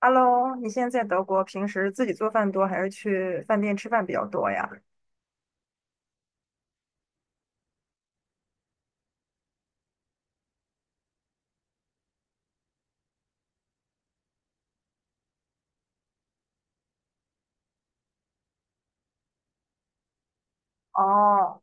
Hello，你现在在德国，平时自己做饭多还是去饭店吃饭比较多呀？哦，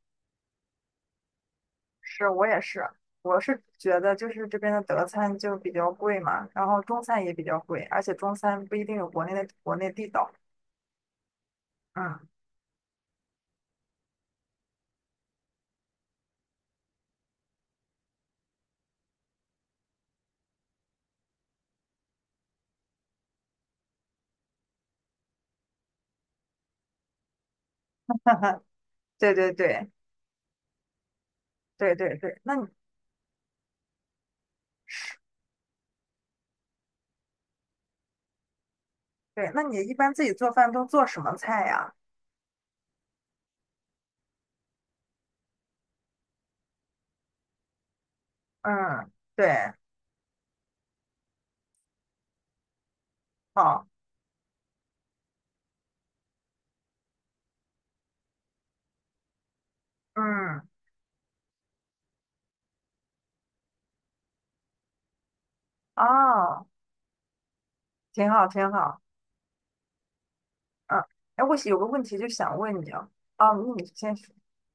是我也是，我是觉得就是这边的德餐就比较贵嘛，然后中餐也比较贵，而且中餐不一定有国内地道。嗯，对对对对对对，对，那你一般自己做饭都做什么菜呀？嗯，对，好，嗯，哦，挺好挺好。嗯，哎，我有个问题就想问你啊，啊，你先说，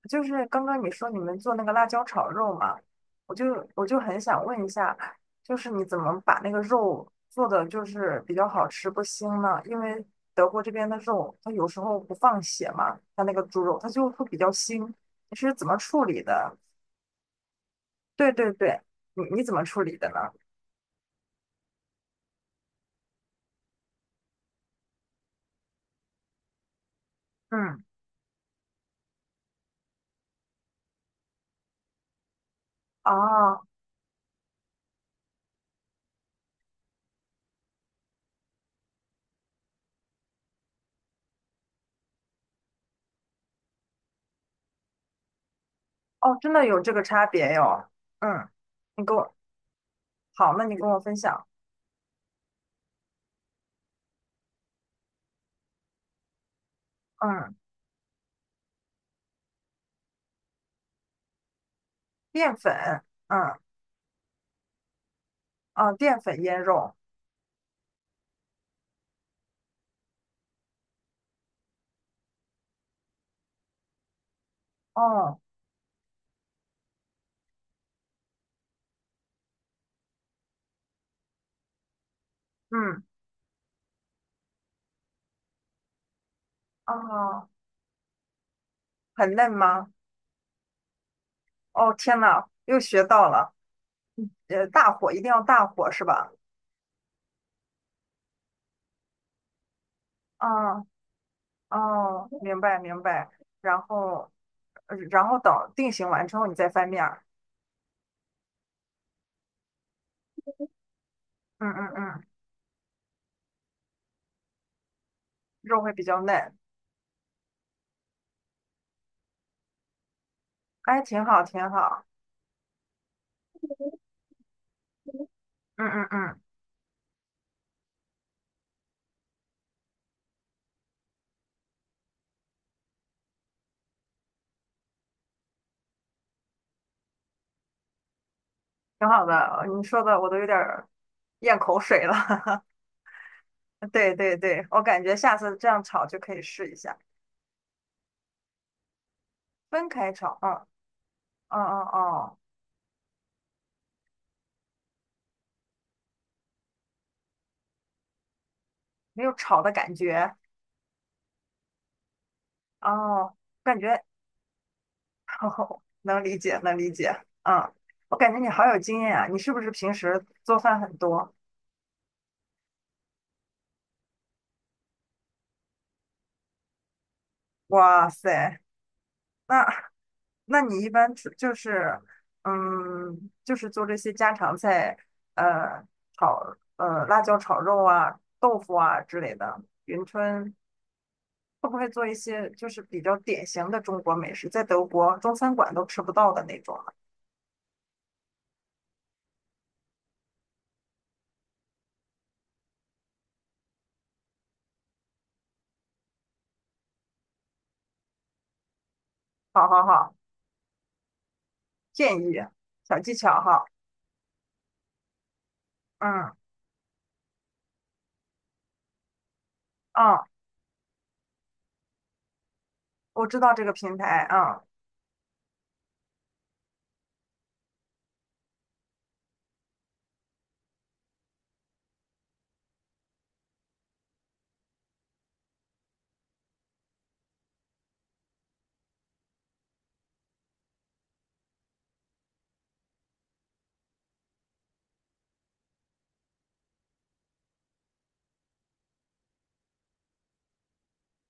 就是刚刚你说你们做那个辣椒炒肉嘛，我就我就很想问一下，就是你怎么把那个肉做的就是比较好吃不腥呢？因为德国这边的肉，它有时候不放血嘛，它那个猪肉它就会比较腥，你是怎么处理的？对对对，你怎么处理的呢？嗯，哦哦，真的有这个差别哟，嗯，你给我，好，那你跟我分享。嗯。淀粉，嗯，哦，淀粉腌肉，哦，嗯，哦，很嫩吗？哦，天呐，又学到了，大火一定要大火是吧？哦，哦，明白明白，然后，然后等定型完之后你再翻面儿，嗯嗯嗯，肉会比较嫩，哎，挺好挺好，嗯嗯嗯，挺好的，你说的我都有点儿咽口水了，对对对，我感觉下次这样炒就可以试一下，分开炒，嗯。哦哦哦，没有炒的感觉，哦，感觉 哦，能理解，能理解，嗯，我感觉你好有经验啊，你是不是平时做饭很多？哇塞，那那你一般就是，嗯，就是做这些家常菜，呃，炒辣椒炒肉啊、豆腐啊之类的，云吞会不会做一些就是比较典型的中国美食，在德国中餐馆都吃不到的那种呢好好好。建议、小技巧哈。嗯嗯，我知道这个平台，嗯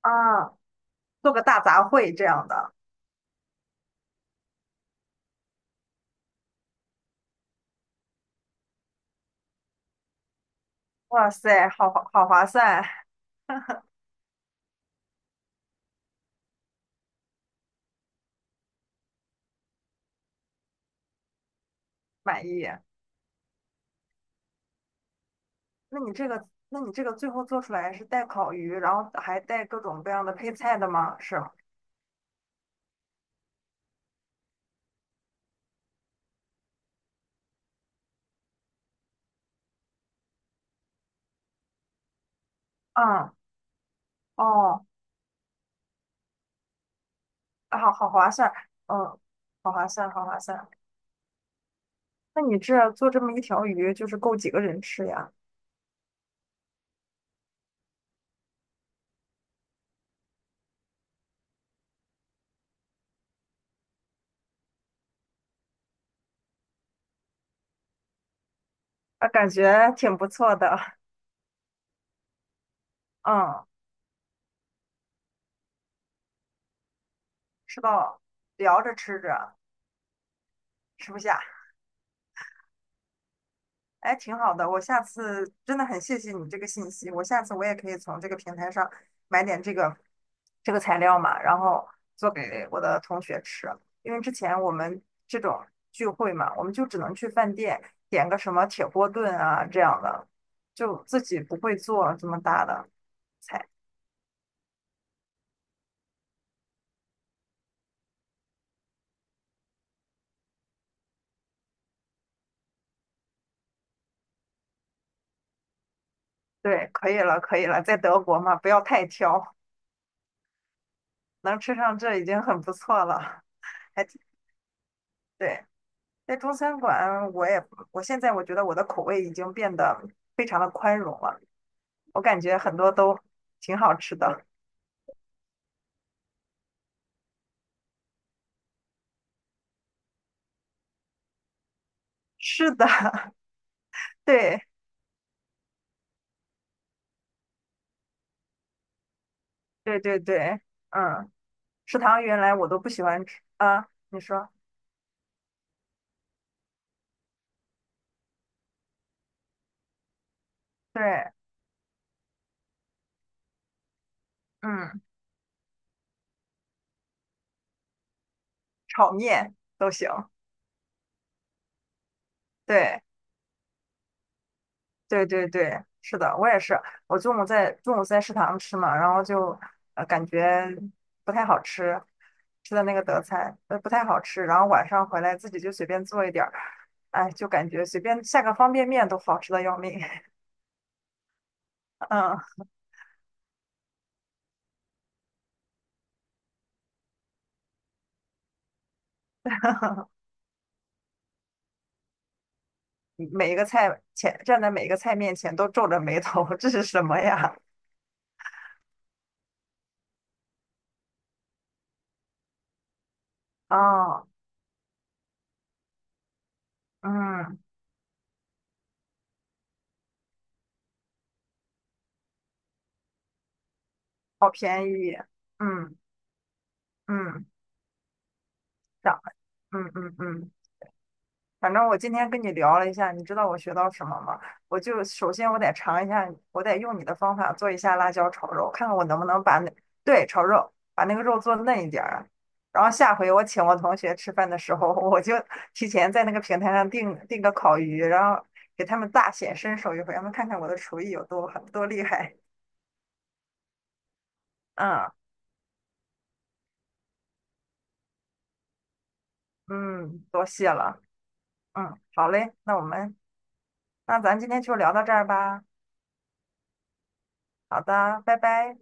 啊，做个大杂烩这样的。哇塞，好划算，满意。那你这个最后做出来是带烤鱼，然后还带各种各样的配菜的吗？是吗？嗯哦，啊好划算，嗯，好划算，好划算。那你这做这么一条鱼，就是够几个人吃呀？啊，感觉挺不错的。嗯，吃到聊着吃着吃不下。哎，挺好的，我下次真的很谢谢你这个信息，我下次我也可以从这个平台上买点这个材料嘛，然后做给我的同学吃。因为之前我们这种聚会嘛，我们就只能去饭店点个什么铁锅炖啊这样的，就自己不会做这么大的菜。对，可以了，可以了，在德国嘛，不要太挑，能吃上这已经很不错了，还挺对。在中餐馆，我也我现在我觉得我的口味已经变得非常的宽容了，我感觉很多都挺好吃的。是的，对对对对，嗯，食堂原来我都不喜欢吃啊，你说对，嗯，炒面都行，对。对对对，是的，我也是。我中午在食堂吃嘛，然后就感觉不太好吃，吃的那个德菜不太好吃，然后晚上回来自己就随便做一点儿，哎，就感觉随便下个方便面都好吃的要命。嗯，每一个菜前站在每一个菜面前都皱着眉头，这是什么呀？哦，嗯，好便宜，嗯嗯，涨，嗯嗯嗯。反正我今天跟你聊了一下，你知道我学到什么吗？我就首先我得尝一下，我得用你的方法做一下辣椒炒肉，看看我能不能把那，对，炒肉，把那个肉做嫩一点儿。然后下回我请我同学吃饭的时候，我就提前在那个平台上订个烤鱼，然后给他们大显身手一回，让他们看看我的厨艺有多狠多厉害。嗯嗯，多谢了。嗯，好嘞，那我们那咱今天就聊到这儿吧。好的，拜拜。